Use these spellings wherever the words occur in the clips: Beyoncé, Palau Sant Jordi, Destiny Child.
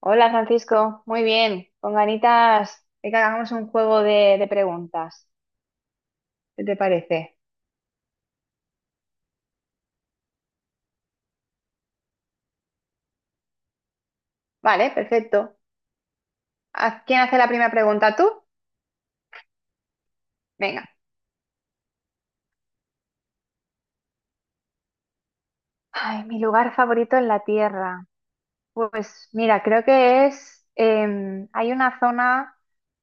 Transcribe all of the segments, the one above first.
Hola Francisco, muy bien, con ganitas de que hagamos un juego de preguntas. ¿Qué te parece? Vale, perfecto. ¿A quién hace la primera pregunta? ¿Tú? Venga. Ay, mi lugar favorito en la Tierra. Pues mira, creo que es, hay una zona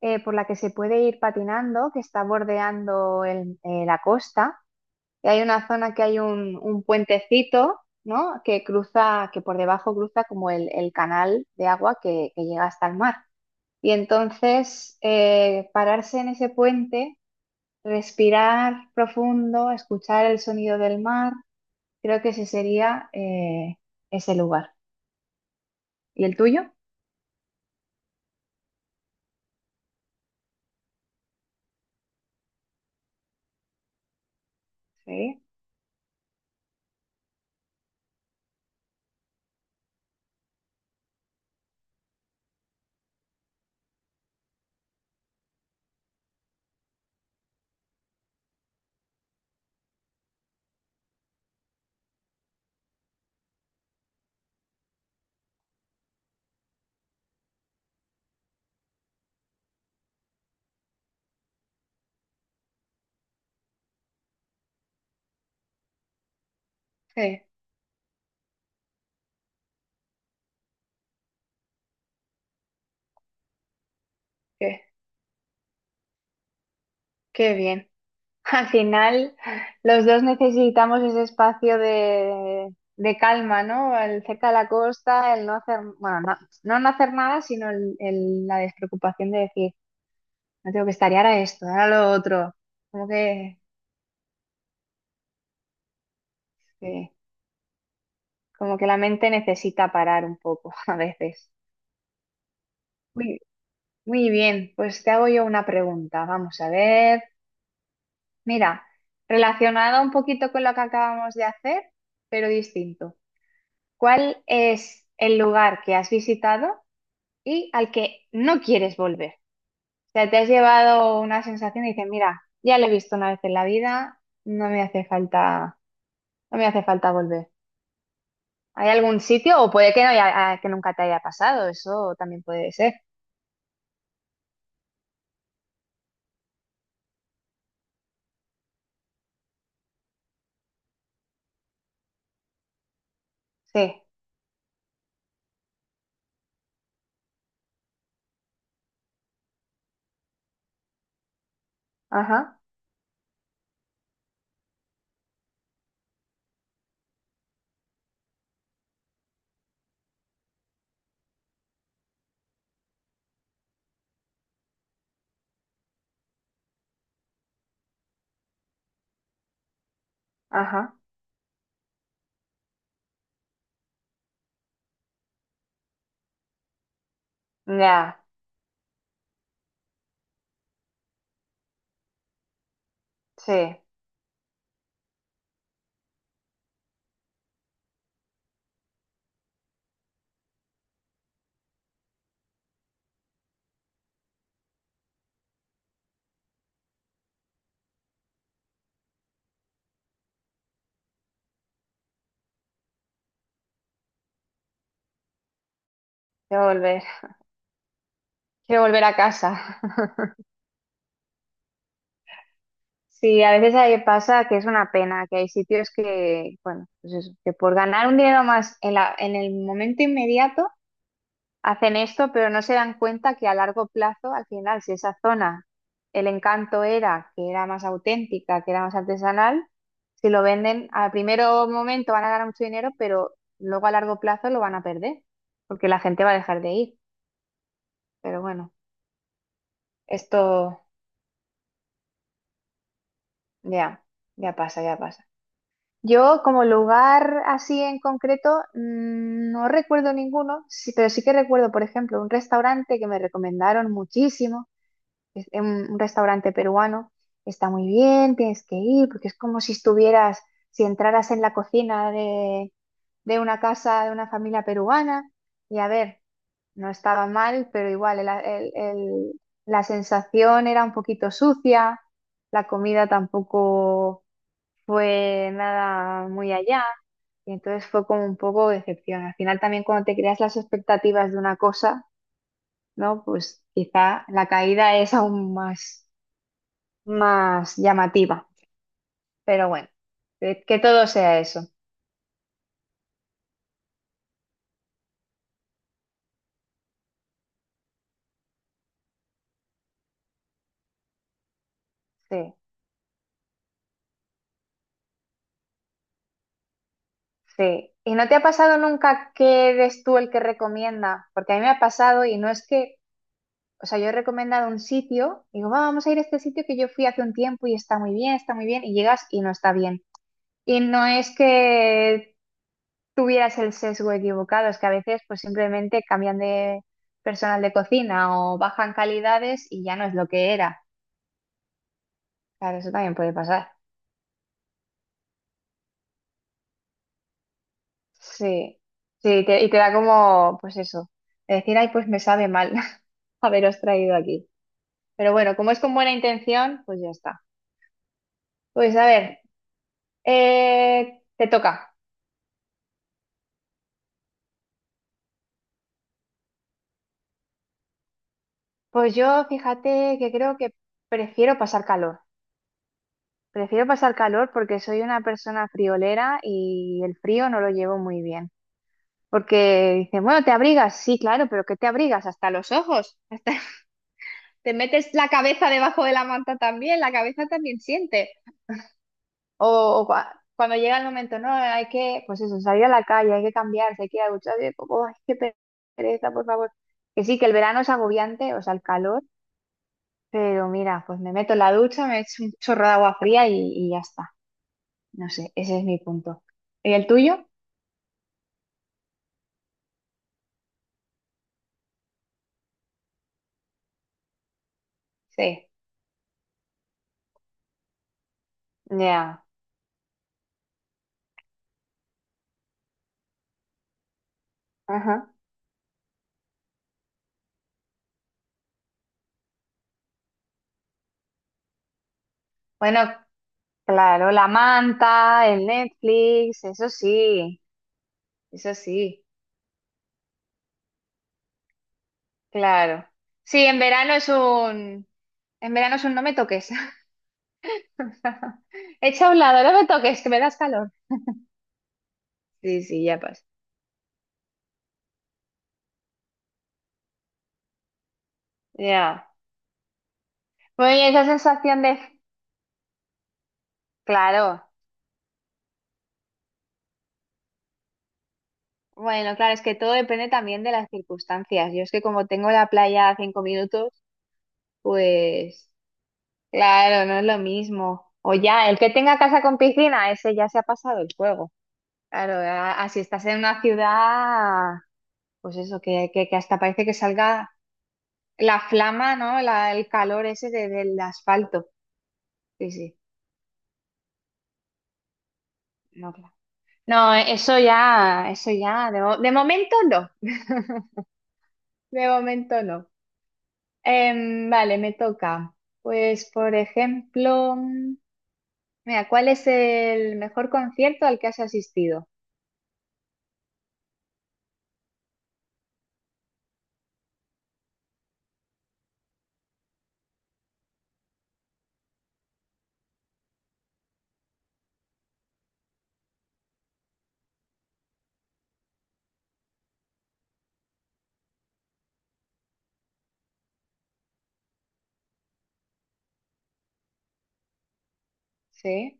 por la que se puede ir patinando, que está bordeando la costa. Y hay una zona que hay un puentecito, ¿no? Que cruza, que por debajo cruza como el canal de agua que llega hasta el mar. Y entonces pararse en ese puente, respirar profundo, escuchar el sonido del mar, creo que ese sería ese lugar. ¿Y el tuyo? Sí, sí, qué, qué bien. Al final, los dos necesitamos ese espacio de calma, ¿no? El cerca de la costa, el no hacer, bueno, no, no hacer nada, sino la despreocupación de decir, no tengo que estar y ahora esto, ahora lo otro. Como que. Sí. Como que la mente necesita parar un poco a veces. Muy, muy bien, pues te hago yo una pregunta. Vamos a ver. Mira, relacionada un poquito con lo que acabamos de hacer, pero distinto. ¿Cuál es el lugar que has visitado y al que no quieres volver? O sea, te has llevado una sensación y dices, mira, ya lo he visto una vez en la vida, no me hace falta, no me hace falta volver. ¿Hay algún sitio? O puede que no haya- que nunca te haya pasado, eso también puede ser. Sí. Ajá, ajá. Ya, sí, quiero volver, quiero volver a casa. Sí, a veces ahí pasa que es una pena, que hay sitios que, bueno, pues eso, que por ganar un dinero más en en el momento inmediato hacen esto, pero no se dan cuenta que a largo plazo, al final, si esa zona, el encanto era que era más auténtica, que era más artesanal, si lo venden, al primero momento van a ganar mucho dinero, pero luego a largo plazo lo van a perder, porque la gente va a dejar de ir. Pero bueno. Esto ya, ya pasa, ya pasa. Yo como lugar así en concreto no recuerdo ninguno, sí, pero sí que recuerdo, por ejemplo, un restaurante que me recomendaron muchísimo es un restaurante peruano, está muy bien, tienes que ir, porque es como si estuvieras, si entraras en la cocina de una casa de una familia peruana, y a ver, no estaba mal, pero igual la sensación era un poquito sucia, la comida tampoco fue nada muy allá, y entonces fue como un poco decepción. Al final también cuando te creas las expectativas de una cosa, ¿no? Pues quizá la caída es aún más llamativa. Pero bueno, que todo sea eso. Sí, sí. ¿Y no te ha pasado nunca que eres tú el que recomienda? Porque a mí me ha pasado y no es que, o sea, yo he recomendado un sitio, digo, "Va, vamos a ir a este sitio que yo fui hace un tiempo y está muy bien, y llegas y no está bien. Y no es que tuvieras el sesgo equivocado, es que a veces pues simplemente cambian de personal de cocina o bajan calidades y ya no es lo que era. Claro, eso también puede pasar. Sí, sí, y te da como, pues eso, de decir, ay, pues me sabe mal haberos traído aquí. Pero bueno, como es con buena intención, pues ya está. Pues a ver, te toca. Pues yo fíjate que creo que prefiero pasar calor. Prefiero pasar calor porque soy una persona friolera y el frío no lo llevo muy bien. Porque dicen, bueno, ¿te abrigas? Sí, claro, pero ¿qué te abrigas? Hasta los ojos, hasta te metes la cabeza debajo de la manta también, la cabeza también siente. O, o, cuando llega el momento, no, hay que, pues eso, salir a la calle, hay que cambiarse, hay que ir a ducharse, y como, ay, qué pereza, por favor. Que sí, que el verano es agobiante, o sea, el calor, pero mira, pues me meto en la ducha, me echo un chorro de agua fría y ya está. No sé, ese es mi punto. ¿Y el tuyo? Sí, ya. Ajá. Bueno, claro, la manta, el Netflix, eso sí, claro. Sí, en verano es un no me toques. Echa a un lado, no me toques, que me das calor. Sí, sí, ya pasa. Ya. Muy bien, esa sensación de. Claro. Bueno, claro, es que todo depende también de las circunstancias. Yo es que como tengo la playa a 5 minutos, pues claro, no es lo mismo. O ya, el que tenga casa con piscina, ese ya se ha pasado el juego. Claro, así estás en una ciudad, pues eso, que hasta parece que salga la flama, ¿no? El calor ese del asfalto. Sí, sí. No, claro. No, eso ya, de momento no, de momento no. Vale, me toca. Pues, por ejemplo, mira, ¿cuál es el mejor concierto al que has asistido? Sí,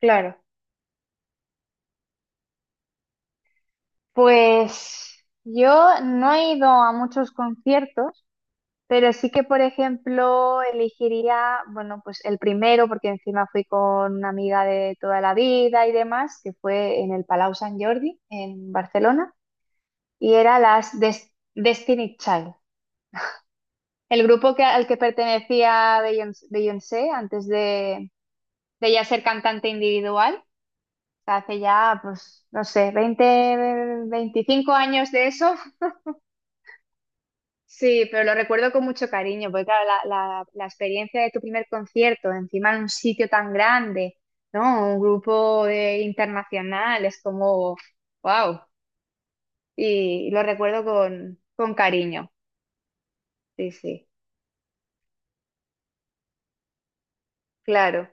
claro. Pues yo no he ido a muchos conciertos, pero sí que, por ejemplo, elegiría, bueno, pues el primero, porque encima fui con una amiga de toda la vida y demás, que fue en el Palau Sant Jordi, en Barcelona. Y era las Destiny Child, el grupo al que pertenecía Beyoncé, antes de ya ser cantante individual. O sea, hace ya, pues, no sé, 20 25 años de eso. Sí, pero lo recuerdo con mucho cariño, porque claro, la experiencia de tu primer concierto, encima en un sitio tan grande, ¿no? Un grupo internacional, es como, wow. Y lo recuerdo con cariño. Sí, sí, claro,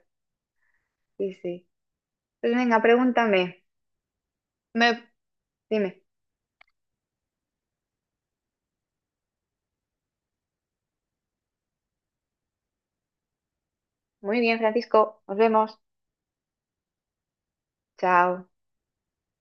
sí, sí. Pues venga, pregúntame. Me, Dime. Muy bien, Francisco. Nos vemos. Chao.